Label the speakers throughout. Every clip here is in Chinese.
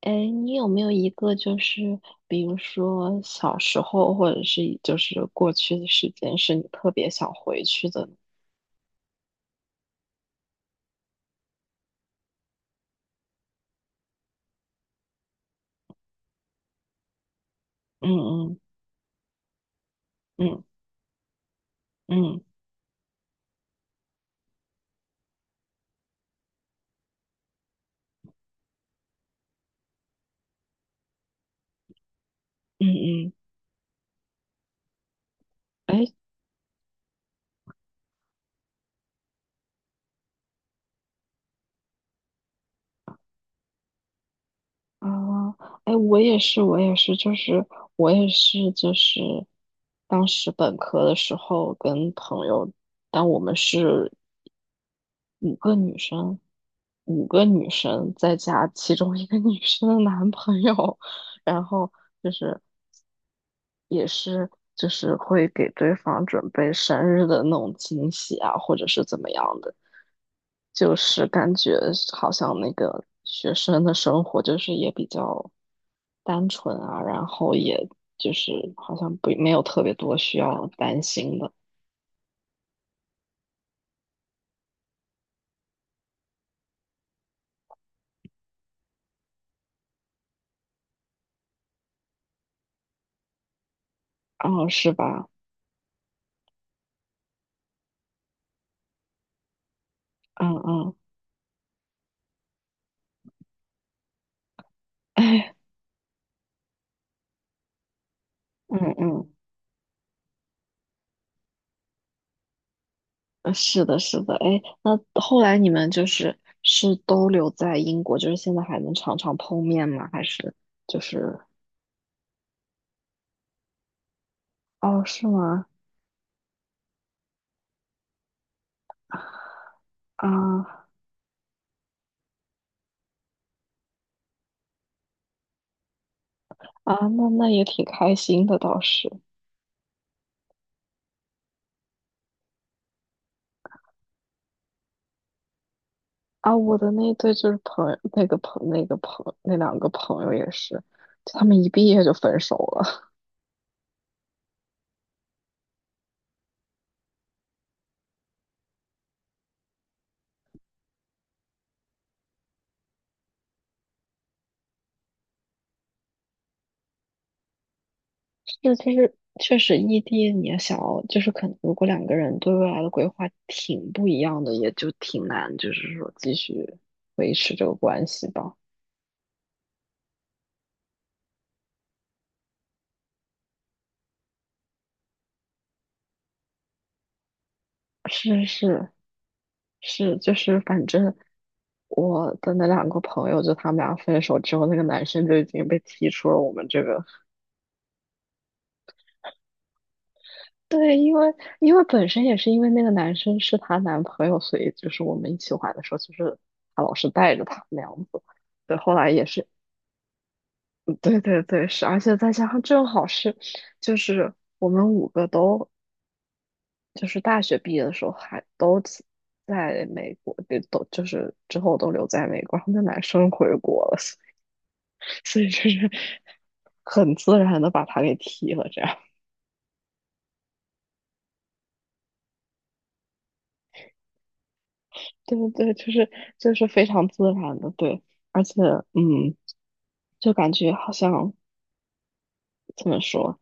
Speaker 1: 哎，你有没有一个就是，比如说小时候，或者是就是过去的时间，是你特别想回去的呢？嗯嗯嗯嗯嗯嗯。哎。啊，哎，我也是，我也是，就是我也是，就是当时本科的时候跟朋友，但我们是五个女生，五个女生再加其中一个女生的男朋友，然后就是。也是就是会给对方准备生日的那种惊喜啊，或者是怎么样的，就是感觉好像那个学生的生活就是也比较单纯啊，然后也就是好像不没有特别多需要担心的。哦，是吧？嗯嗯，哎，嗯嗯。是的，是的，哎，那后来你们就是都留在英国，就是现在还能常常碰面吗？还是就是。哦，是吗？啊啊，那也挺开心的，倒是。啊，我的那对就是朋友，那个朋那个朋那两个朋友也是，他们一毕业就分手了。那其实确实异地，你也想要，就是可能如果两个人对未来的规划挺不一样的，也就挺难，就是说继续维持这个关系吧。是是是，就是反正我的那两个朋友，就他们俩分手之后，那个男生就已经被踢出了我们这个。对，因为本身也是因为那个男生是她男朋友，所以就是我们一起玩的时候，就是她老是带着他那样子。对，后来也是，嗯对对对，是，而且再加上正好是，就是我们五个都就是大学毕业的时候还都在美国，对，都就是之后都留在美国，然后那男生回国了，所以就是很自然的把他给踢了，这样。对对，对，就是非常自然的，对，而且嗯，就感觉好像怎么说，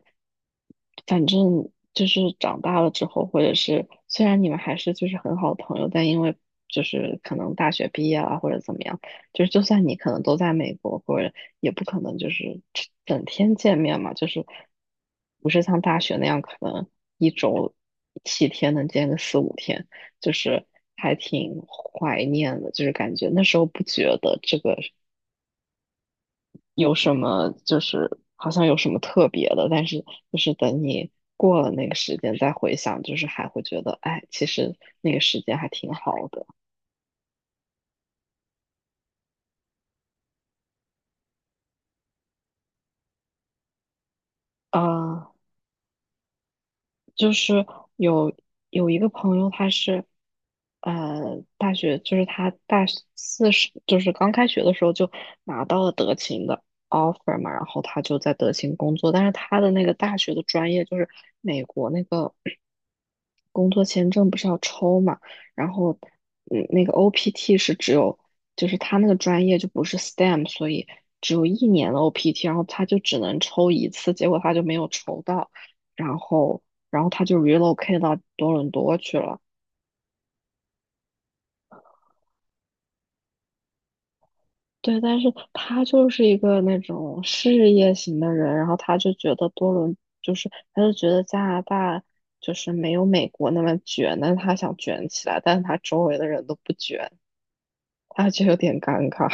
Speaker 1: 反正就是长大了之后，或者是虽然你们还是就是很好的朋友，但因为就是可能大学毕业了或者怎么样，就是就算你可能都在美国，或者也不可能就是整天见面嘛，就是不是像大学那样可能一周七天能见个四五天，就是还挺怀念的，就是感觉那时候不觉得这个有什么就是好像有什么特别的，但是就是等你过了那个时间再回想，就是还会觉得，哎，其实那个时间还挺好的。啊。呃就是有有一个朋友，他是大学，就是他大四时，就是刚开学的时候就拿到了德勤的 offer 嘛，然后他就在德勤工作，但是他的那个大学的专业就是美国那个工作签证不是要抽嘛，然后那个 OPT 是只有就是他那个专业就不是 STEM，所以只有一年的 OPT，然后他就只能抽一次，结果他就没有抽到。然后然后他就 relocate 到多伦多去了。对，但是他就是一个那种事业型的人，然后他就觉得就是他就觉得加拿大就是没有美国那么卷，但是他想卷起来，但是他周围的人都不卷，他就有点尴尬。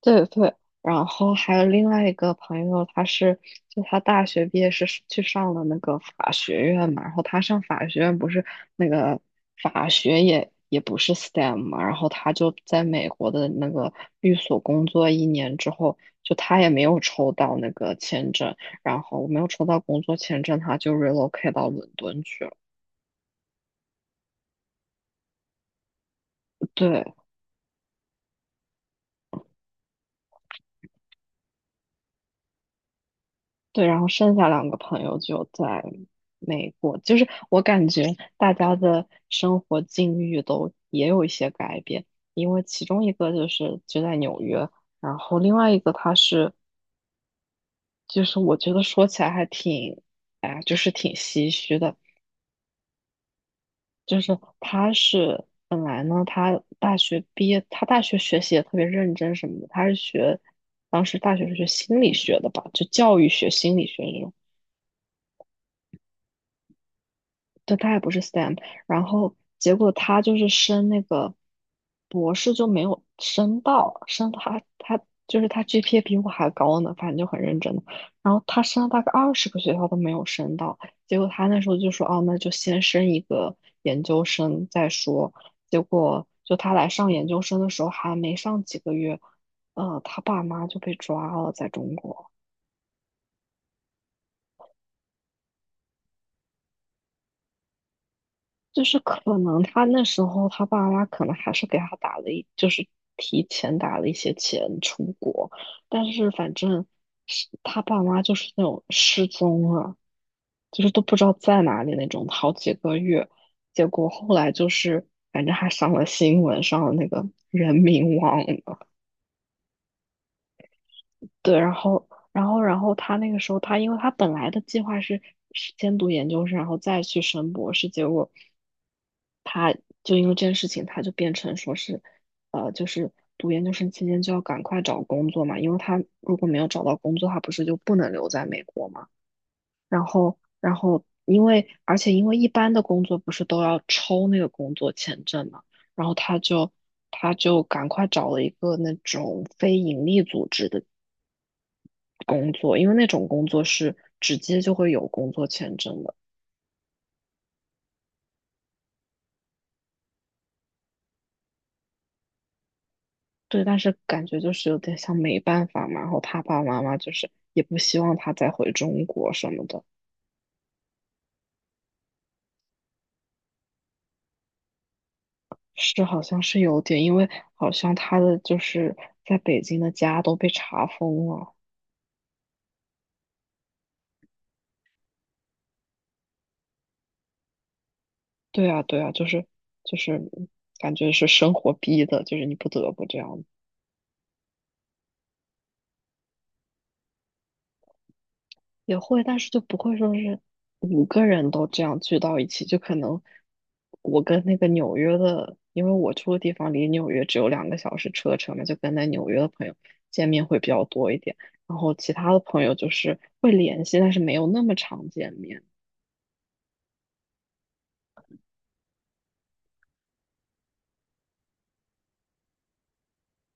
Speaker 1: 对对，然后还有另外一个朋友，他是就他大学毕业是去上了那个法学院嘛，然后他上法学院不是那个法学也不是 STEM 嘛，然后他就在美国的那个律所工作一年之后，就他也没有抽到那个签证，然后我没有抽到工作签证，他就 relocate 到伦敦去了。对。对，然后剩下两个朋友就在美国，就是我感觉大家的生活境遇都也有一些改变，因为其中一个就是就在纽约，然后另外一个他是，就是我觉得说起来还挺，哎呀，就是挺唏嘘的，就是他是本来呢，他大学毕业，他大学学习也特别认真什么的，他是学，当时大学是学心理学的吧，就教育学、心理学这种。对，他也不是 STEM，然后结果他就是升那个博士就没有升到，升他就是他 GPA 比我还高呢，反正就很认真的。然后他升了大概20个学校都没有升到，结果他那时候就说，哦，那就先升一个研究生再说。结果就他来上研究生的时候还没上几个月，他爸妈就被抓了，在中国。就是可能他那时候他爸妈可能还是给他打了一，就是提前打了一些钱出国，但是反正是他爸妈就是那种失踪了，就是都不知道在哪里那种，好几个月，结果后来就是反正还上了新闻，上了那个人民网了。对，然后他那个时候他因为他本来的计划是先读研究生，然后再去升博士，结果。就因为这件事情，他就变成说是，就是读研究生期间就要赶快找工作嘛，因为他如果没有找到工作，他不是就不能留在美国嘛。然后因为而且因为一般的工作不是都要抽那个工作签证嘛，然后他就赶快找了一个那种非盈利组织的工作，因为那种工作是直接就会有工作签证的。对，但是感觉就是有点像没办法嘛，然后他爸爸妈妈就是也不希望他再回中国什么的，是好像是有点，因为好像他的就是在北京的家都被查封了。对啊，对啊，就是感觉是生活逼的，就是你不得不这样也会，但是就不会说是五个人都这样聚到一起，就可能我跟那个纽约的，因为我住的地方离纽约只有2个小时车程嘛，就跟在纽约的朋友见面会比较多一点，然后其他的朋友就是会联系，但是没有那么常见面。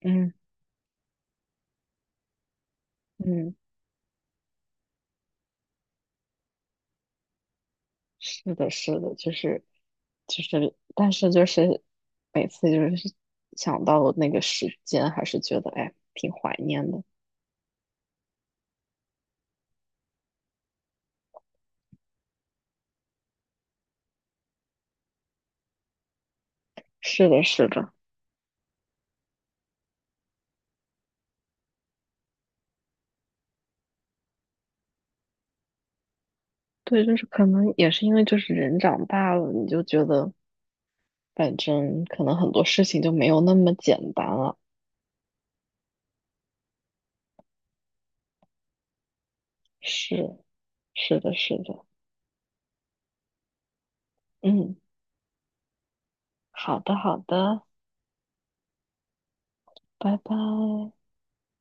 Speaker 1: 嗯嗯，是的，是的，就是，但是就是每次就是想到那个时间，还是觉得哎挺怀念的。是的，是的。对，就是可能也是因为就是人长大了，你就觉得反正可能很多事情就没有那么简单了。是，是的，是的，嗯，好的，好的，拜拜。